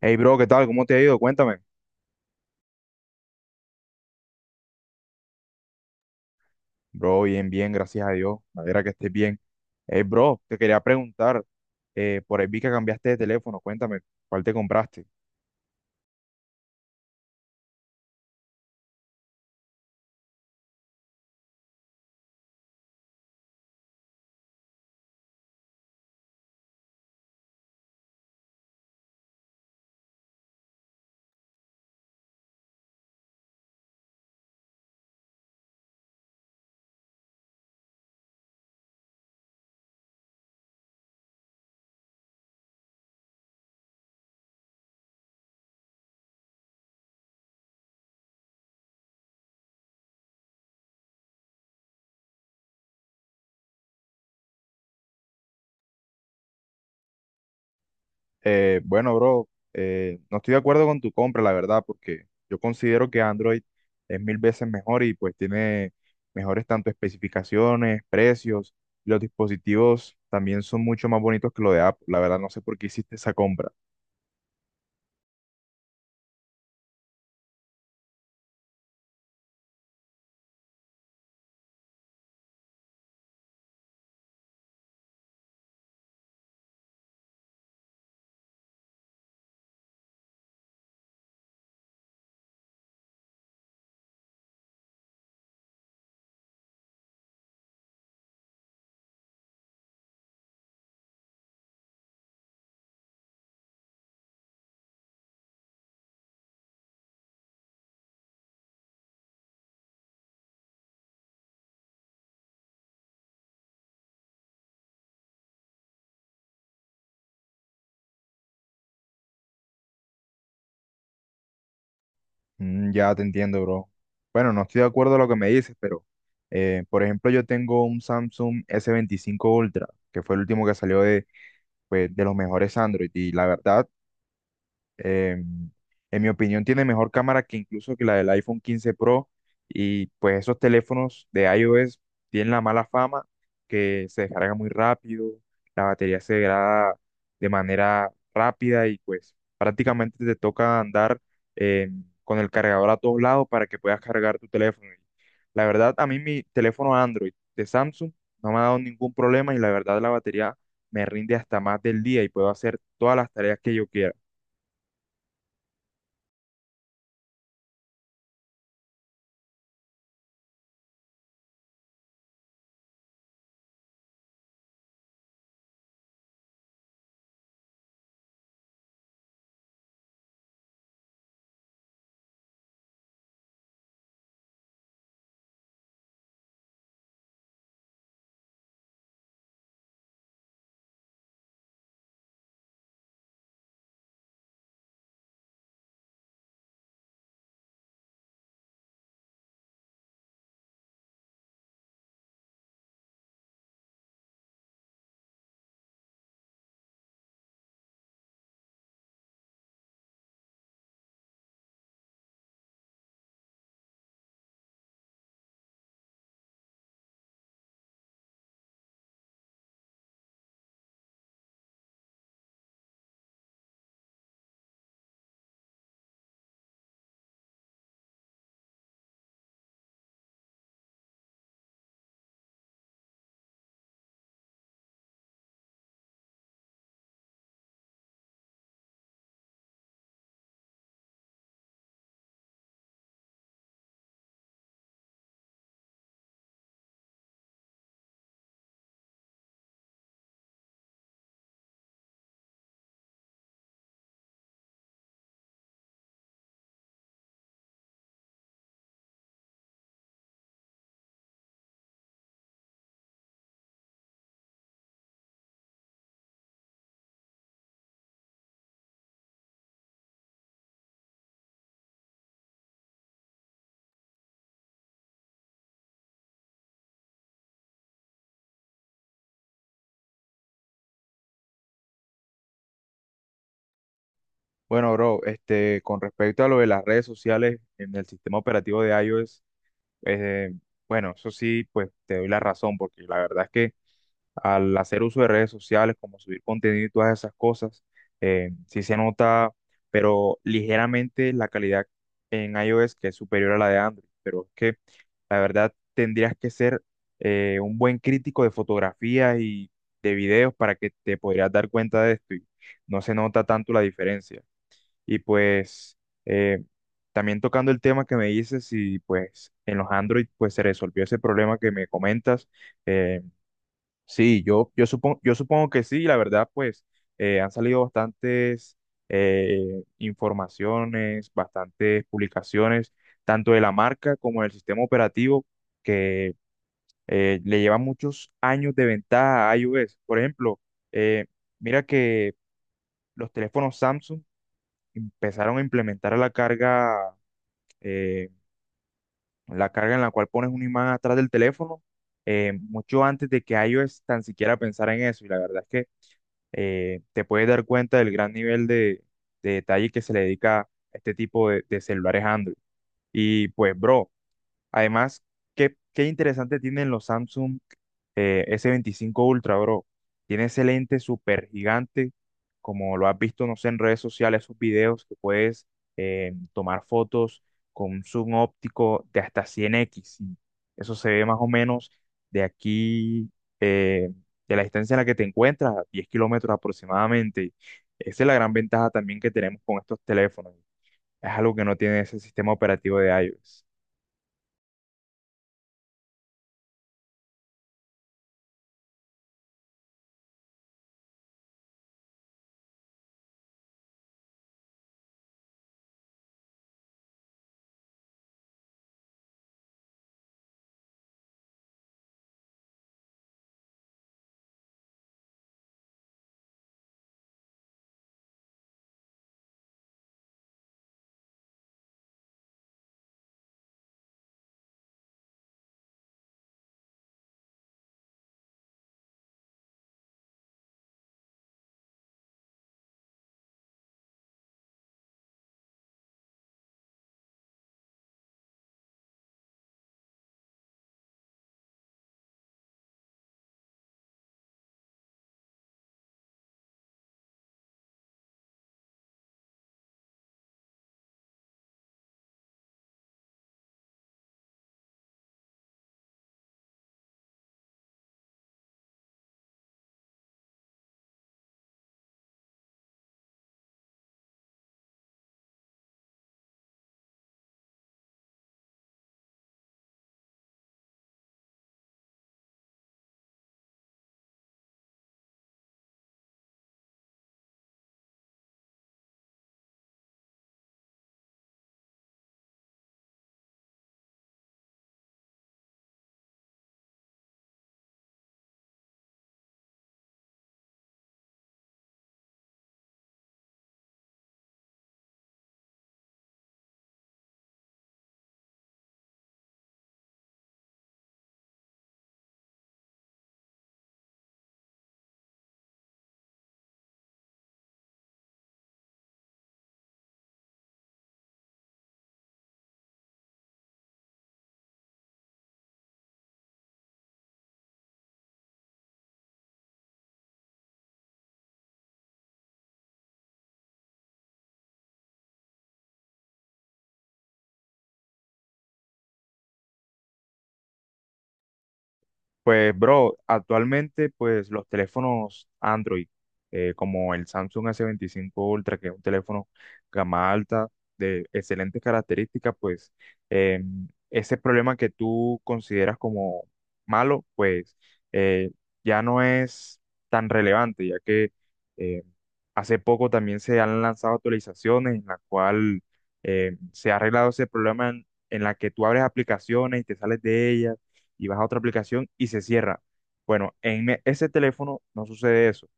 Hey, bro, ¿qué tal? ¿Cómo te ha ido? Cuéntame. Bro, bien, gracias a Dios. Me alegra que estés bien. Hey, bro, te quería preguntar, por ahí vi que cambiaste de teléfono. Cuéntame, ¿cuál te compraste? Bueno, bro, no estoy de acuerdo con tu compra, la verdad, porque yo considero que Android es mil veces mejor y pues tiene mejores tanto especificaciones, precios. Los dispositivos también son mucho más bonitos que lo de Apple. La verdad, no sé por qué hiciste esa compra. Mm, ya te entiendo, bro. Bueno, no estoy de acuerdo a lo que me dices, pero por ejemplo, yo tengo un Samsung S25 Ultra, que fue el último que salió pues, de los mejores Android, y la verdad eh, en mi opinión, tiene mejor cámara que incluso que la del iPhone 15 Pro. Y pues esos teléfonos de iOS tienen la mala fama que se descarga muy rápido, la batería se degrada de manera rápida y pues prácticamente te toca andar eh, con el cargador a todos lados para que puedas cargar tu teléfono. Y la verdad, a mí mi teléfono Android de Samsung no me ha dado ningún problema y la verdad la batería me rinde hasta más del día y puedo hacer todas las tareas que yo quiera. Bueno, bro, este, con respecto a lo de las redes sociales en el sistema operativo de iOS, eh, bueno, eso sí, pues te doy la razón, porque la verdad es que al hacer uso de redes sociales, como subir contenido y todas esas cosas, sí se nota, pero ligeramente la calidad en iOS que es superior a la de Android. Pero es que la verdad tendrías que ser un buen crítico de fotografías y de videos para que te podrías dar cuenta de esto y no se nota tanto la diferencia. Y pues eh, también tocando el tema que me dices y pues en los Android pues se resolvió ese problema que me comentas. Eh, sí, yo supongo que sí, la verdad pues han salido bastantes informaciones, bastantes publicaciones, tanto de la marca como del sistema operativo que le llevan muchos años de ventaja a iOS. Por ejemplo, eh, mira que los teléfonos Samsung empezaron a implementar eh, la carga en la cual pones un imán atrás del teléfono, mucho antes de que iOS tan siquiera pensara en eso. Y la verdad es que te puedes dar cuenta del gran nivel de detalle que se le dedica a este tipo de celulares Android. Y pues, bro, además, qué interesante tienen los Samsung S25 Ultra, bro. Tiene ese lente súper gigante, como lo has visto, no sé, en redes sociales, esos videos que puedes tomar fotos con un zoom óptico de hasta 100x. Y eso se ve más o menos de aquí, eh, de la distancia en la que te encuentras, a 10 kilómetros aproximadamente. Esa es la gran ventaja también que tenemos con estos teléfonos. Es algo que no tiene ese sistema operativo de iOS. Pues, bro, actualmente, pues los teléfonos Android, como el Samsung S25 Ultra, que es un teléfono gama alta, de excelentes características, pues eh, ese problema que tú consideras como malo, pues eh, ya no es tan relevante, ya que eh, hace poco también se han lanzado actualizaciones en la cual se ha arreglado ese problema en la que tú abres aplicaciones y te sales de ellas y vas a otra aplicación y se cierra. Bueno, ese teléfono no sucede eso.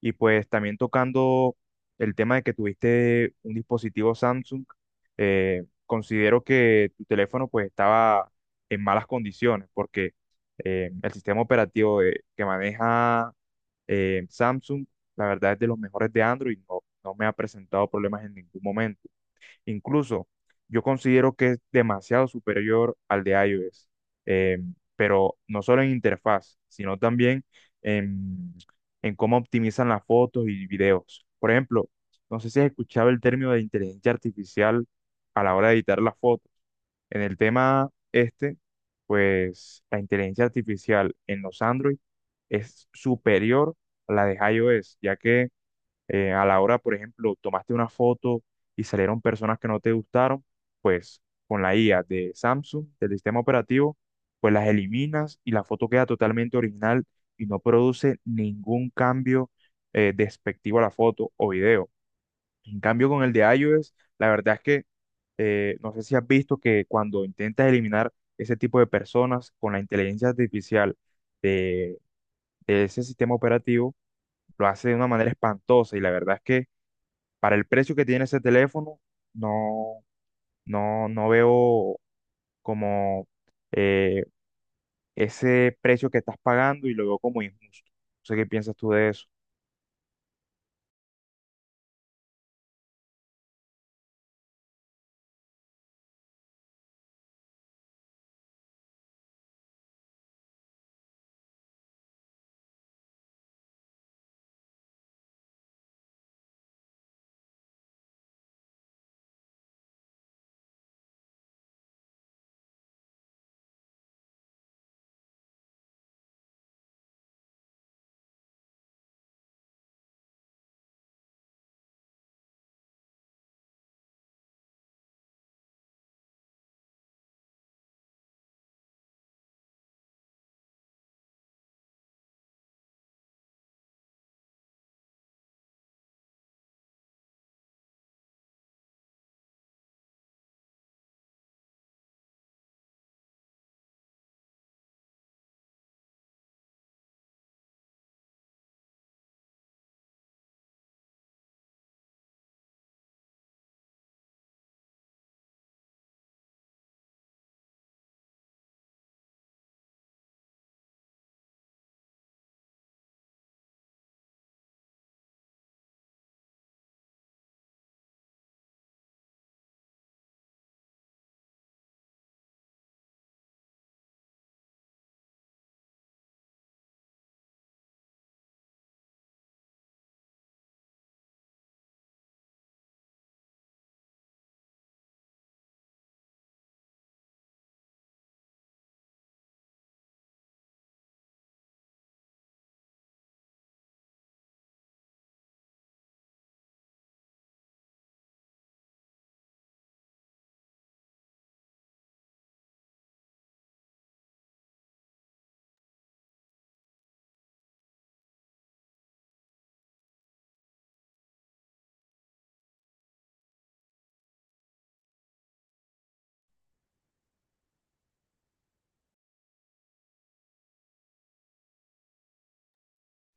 Y pues también tocando el tema de que tuviste un dispositivo Samsung, considero que tu teléfono pues estaba en malas condiciones porque el sistema operativo que maneja Samsung, la verdad es de los mejores de Android, no me ha presentado problemas en ningún momento. Incluso yo considero que es demasiado superior al de iOS, eh, pero no solo en interfaz, sino también en, en cómo optimizan las fotos y videos. Por ejemplo, no sé si has escuchado el término de inteligencia artificial a la hora de editar las fotos. En el tema este, pues la inteligencia artificial en los Android es superior a la de iOS, ya que a la hora, por ejemplo, tomaste una foto y salieron personas que no te gustaron, pues con la IA de Samsung, del sistema operativo, pues las eliminas y la foto queda totalmente original y no produce ningún cambio despectivo a la foto o video. En cambio, con el de iOS, la verdad es que no sé si has visto que cuando intentas eliminar ese tipo de personas con la inteligencia artificial de, de ese sistema operativo, lo hace de una manera espantosa y la verdad es que para el precio que tiene ese teléfono, no, no veo como eh, ese precio que estás pagando y lo veo como injusto. No sé qué piensas tú de eso.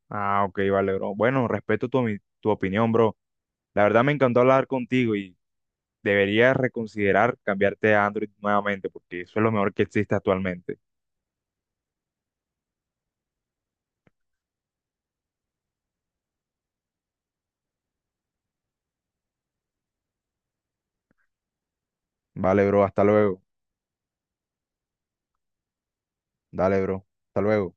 Ah, ok, vale, bro. Bueno, respeto tu, tu opinión, bro. La verdad me encantó hablar contigo y deberías reconsiderar cambiarte a Android nuevamente porque eso es lo mejor que existe actualmente. Vale, bro, hasta luego. Dale, bro. Hasta luego.